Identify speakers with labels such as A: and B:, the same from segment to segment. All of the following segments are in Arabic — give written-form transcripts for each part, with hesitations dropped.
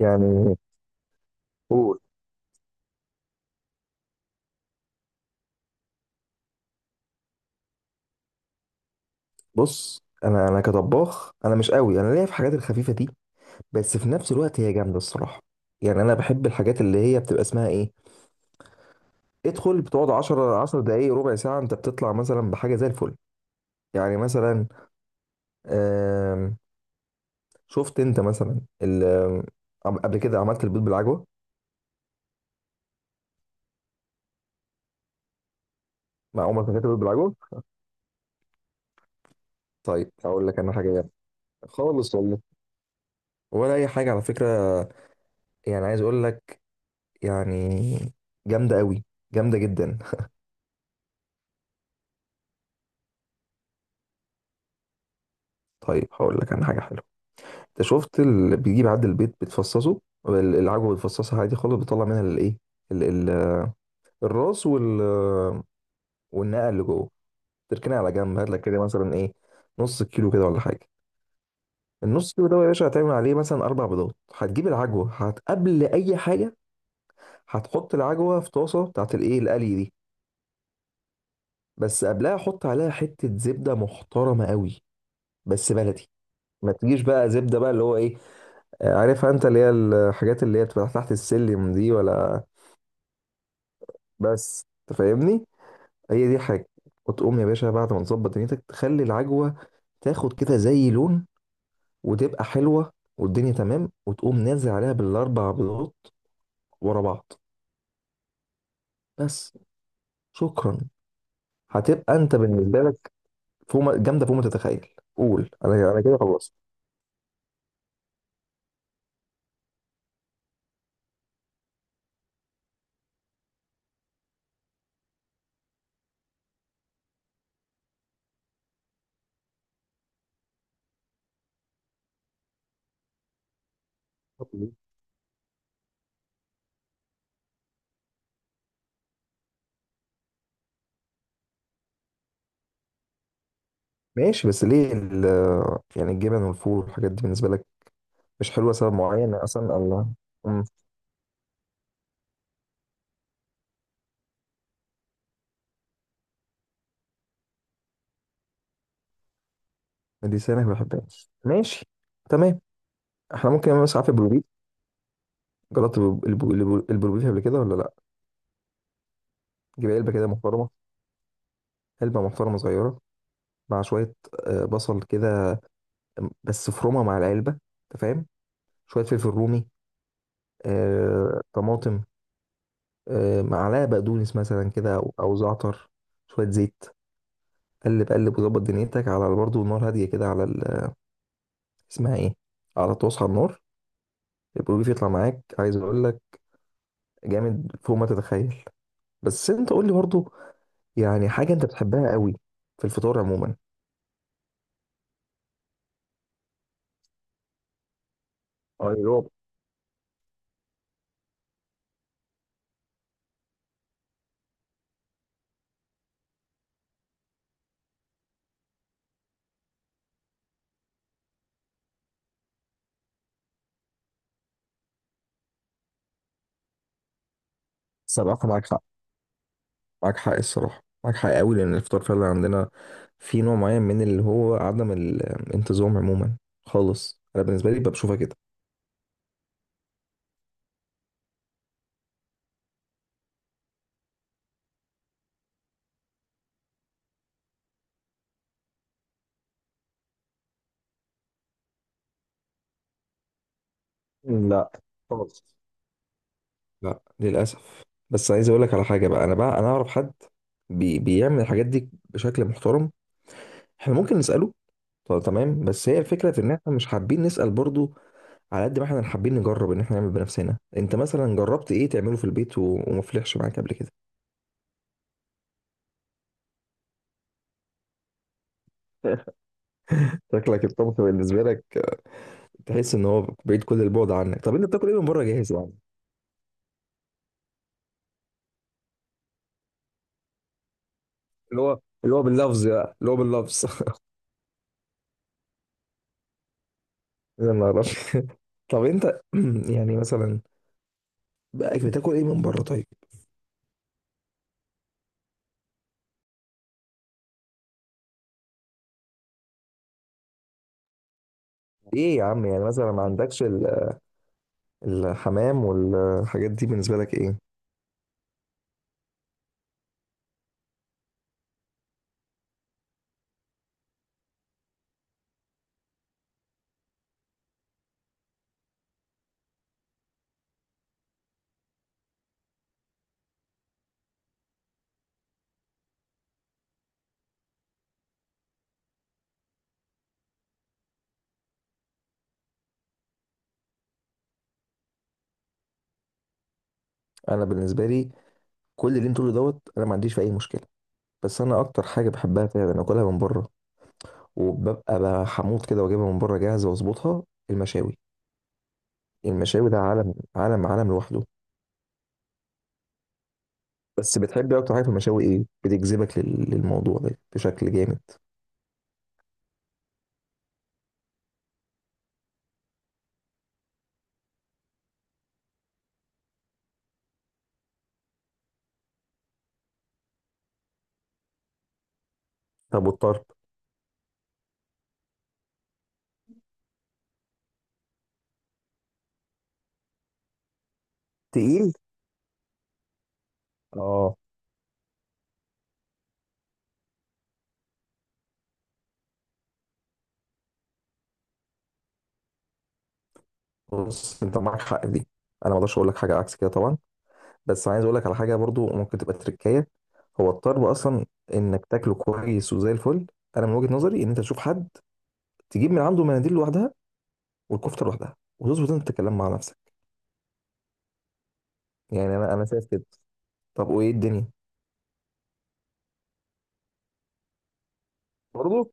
A: يعني قول. بص، انا كطباخ انا مش قوي، انا ليا في الحاجات الخفيفه دي. بس في نفس الوقت هي جامده الصراحه. يعني انا بحب الحاجات اللي هي بتبقى اسمها ايه، ادخل بتقعد 10 10 دقائق ربع ساعه انت بتطلع مثلا بحاجه زي الفل. يعني مثلا، آم، شفت انت مثلا قبل كده عملت البيض بالعجوه. مع عمرك ما اكلت البيض بالعجوه؟ طيب هقول لك انا حاجه جامده خالص والله، ولا اي حاجه على فكره. يعني عايز اقول لك، يعني، جامده قوي، جامده جدا. طيب هقول لك انا حاجه حلوه. انت شفت اللي بيجيب عند البيت بتفصصه، العجوه بتفصصها عادي خالص، بتطلع منها الايه، ال- ال- الراس وال، والنقع اللي جوه، تركنها على جنب. هات لك كده مثلا ايه، نص كيلو كده ولا حاجه. النص كيلو ده يا باشا هتعمل عليه مثلا اربع بيضات. هتجيب العجوه هت قبل اي حاجه، هتحط العجوه في طاسه بتاعت الايه القلي دي. بس قبلها حط عليها حته زبده محترمه قوي، بس بلدي. ما تجيش بقى زبده بقى اللي هو ايه، عارفها انت، اللي هي الحاجات اللي هي بتبقى تحت السلم دي ولا. بس تفهمني، هي دي الحاجه. وتقوم يا باشا بعد ما تظبط دنيتك تخلي العجوه تاخد كده زي لون، وتبقى حلوه والدنيا تمام، وتقوم نازل عليها بالاربع بيضات ورا بعض. بس. شكرا. هتبقى انت بالنسبه لك فوق ما- جامده فوق ما تتخيل. قول انا انا كده خلاص. ماشي بس ليه يعني الجبن والفول والحاجات دي بالنسبه لك مش حلوه، سبب معين اصلا؟ الله. امم. دي سنه ما بحبهاش، ماشي. تمام. احنا ممكن نعمل مسافه بالبيت. جربت البروبيف قبل كده ولا لا؟ جيب علبه كده محترمه، علبه محترمه صغيره. مع شويه بصل كده، بس فرومه مع العلبه انت فاهم. شويه فلفل رومي، طماطم، معلقه بقدونس مثلا كده او زعتر، شويه زيت. قلب قلب وظبط دنيتك على برضه النار هاديه كده على اسمها ايه، على طاسه على النار. البروبيف يطلع معاك عايز اقول لك جامد فوق ما تتخيل. بس انت قول لي برضه يعني حاجه انت بتحبها قوي في الفطار عموما. اه اللي هو. صراحة معاك حق، معاك حق الصراحة، معاك حق قوي لأن الإفطار فعلا عندنا في نوع معين من اللي هو عدم الانتظام عموما خالص. أنا بالنسبة لي بشوفها كده. لا خالص. لا للأسف. بس عايز أقول لك على حاجة بقى، أنا بقى أنا أعرف حد بيعمل الحاجات دي بشكل محترم، إحنا ممكن نسأله. طب تمام، بس هي الفكرة في إن إحنا مش حابين نسأل برضو، على قد ما إحنا حابين نجرب إن إحنا نعمل بنفسنا. أنت مثلا جربت إيه تعمله في البيت وما فلحش معاك قبل كده؟ شكلك الطبخ بالنسبة لك تحس ان هو بعيد كل البعد عنك. طب انت بتاكل ايه من بره جاهز يعني؟ اللي هو اللي هو باللفظ بقى، اللي هو باللفظ. يا نهار أبيض. طب انت يعني مثلا بقى بتاكل ايه من بره طيب؟ ايه يا عم، يعني مثلا ما عندكش الحمام والحاجات دي بالنسبه لك ايه؟ انا بالنسبه لي كل اللي انت تقوله دوت انا ما عنديش فيه اي مشكله. بس انا اكتر حاجه بحبها فعلا اكلها من بره، وببقى حموض كده واجيبها من بره جاهزه واظبطها، المشاوي. المشاوي ده عالم عالم عالم لوحده. بس بتحبي اكتر حاجه في المشاوي ايه بتجذبك للموضوع ده بشكل جامد؟ طب والطرب؟ تقيل. اه. بص انت معاك حق في دي، انا ما اقدرش اقول لك حاجه عكس كده طبعا. بس عايز اقول لك على حاجه برضو ممكن تبقى تركايه، هو الطرب اصلا انك تاكله كويس وزي الفل. انا من وجهه نظري ان انت تشوف حد تجيب من عنده مناديل لوحدها والكفته لوحدها، وتظبط انت تتكلم مع نفسك. يعني انا انا شايف كده. طب وايه الدنيا؟ برضو.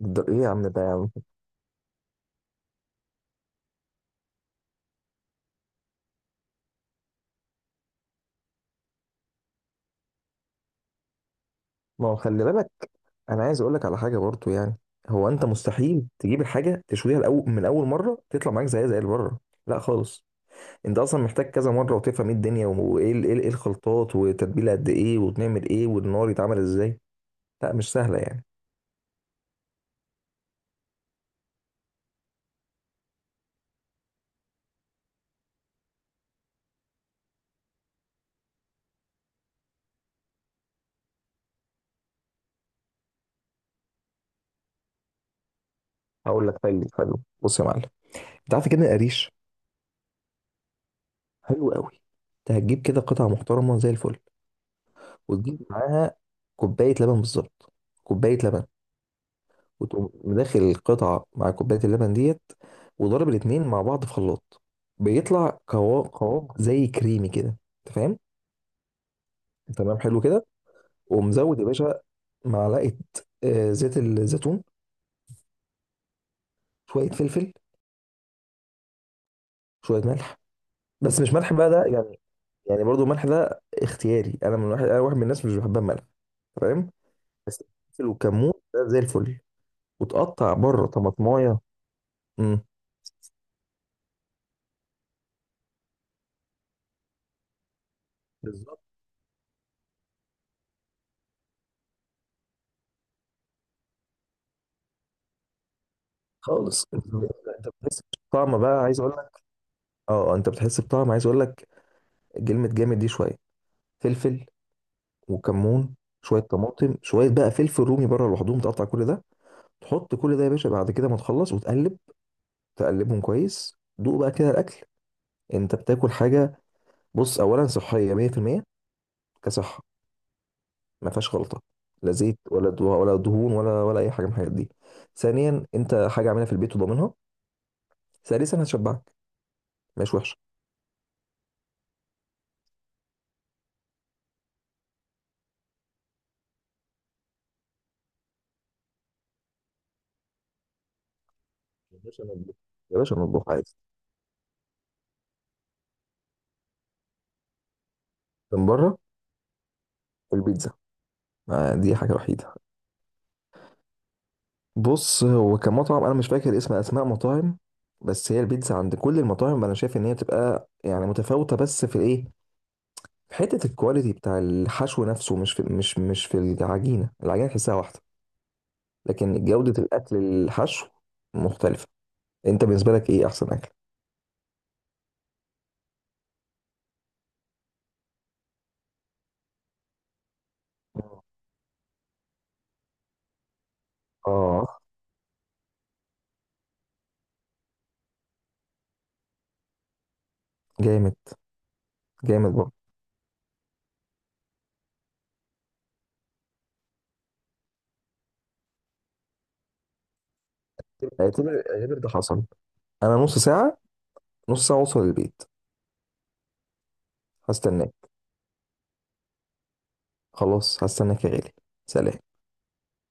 A: ايه يا عم، ده يا عم. ما هو خلي بالك، انا عايز اقول لك على حاجه برضو يعني، هو انت مستحيل تجيب الحاجه تشويها الأول من اول مره تطلع معاك زيها زي اللي بره. لا خالص. انت اصلا محتاج كذا مره وتفهم ايه الدنيا وايه ايه إيه الخلطات، وتتبيله قد ايه، وبنعمل ايه، والنار يتعمل ازاي. لا مش سهله يعني. هقول لك طيب، حلو، بص يا معلم. انت عارف كده القريش؟ حلو قوي. انت هتجيب كده قطعه محترمه زي الفل، وتجيب معاها كوبايه لبن بالظبط، كوبايه لبن. وتقوم داخل القطعة مع كوباية اللبن ديت، وضرب الاتنين مع بعض في خلاط. بيطلع قوام قوام زي كريمي كده. انت فاهم؟ تمام، حلو كده. ومزود يا باشا معلقة زيت الزيتون، شوية فلفل، شوية ملح. بس مش ملح بقى ده يعني، يعني برضو الملح ده اختياري، انا من واحد انا واحد من الناس مش بحبها الملح، فاهم؟ بس الفلفل والكمون ده زي الفل. وتقطع بره طماطمايه. امم. بالظبط. خالص انت أنت بتحس بالطعم بقى عايز اقول لك. اه انت بتحس بطعم عايز اقول لك كلمه جامد دي. شويه فلفل وكمون، شويه طماطم، شويه بقى فلفل رومي بره لوحدهم، تقطع كل ده. تحط كل ده يا باشا بعد كده ما تخلص وتقلب، تقلبهم كويس، دوق بقى كده الاكل. انت بتاكل حاجه بص، اولا صحيه 100% كصحه، ما فيهاش غلطه، لا زيت ولا ولا دهون ولا اي حاجه من الحاجات دي. ثانيا انت حاجه عاملها في البيت وضامنها. ثالثا هتشبعك، مش وحشه. يا باشا مطبوخ، يا باشا مطبوخ عادي. من بره البيتزا، دي حاجه وحيده. بص هو كمطعم انا مش فاكر اسم اسماء مطاعم، بس هي البيتزا عند كل المطاعم انا شايف ان هي بتبقى يعني متفاوته، بس في الايه، في حته الكواليتي بتاع الحشو نفسه، مش في العجينه، العجينه تحسها واحده. لكن جوده الاكل، الحشو، مختلفه. انت بالنسبه لك ايه احسن اكل؟ اه، جامد، جامد برضه. اعتبر اعتبر ده حصل، انا نص ساعه، نص ساعه اوصل البيت. هستناك، خلاص هستناك يا غالي. سلام.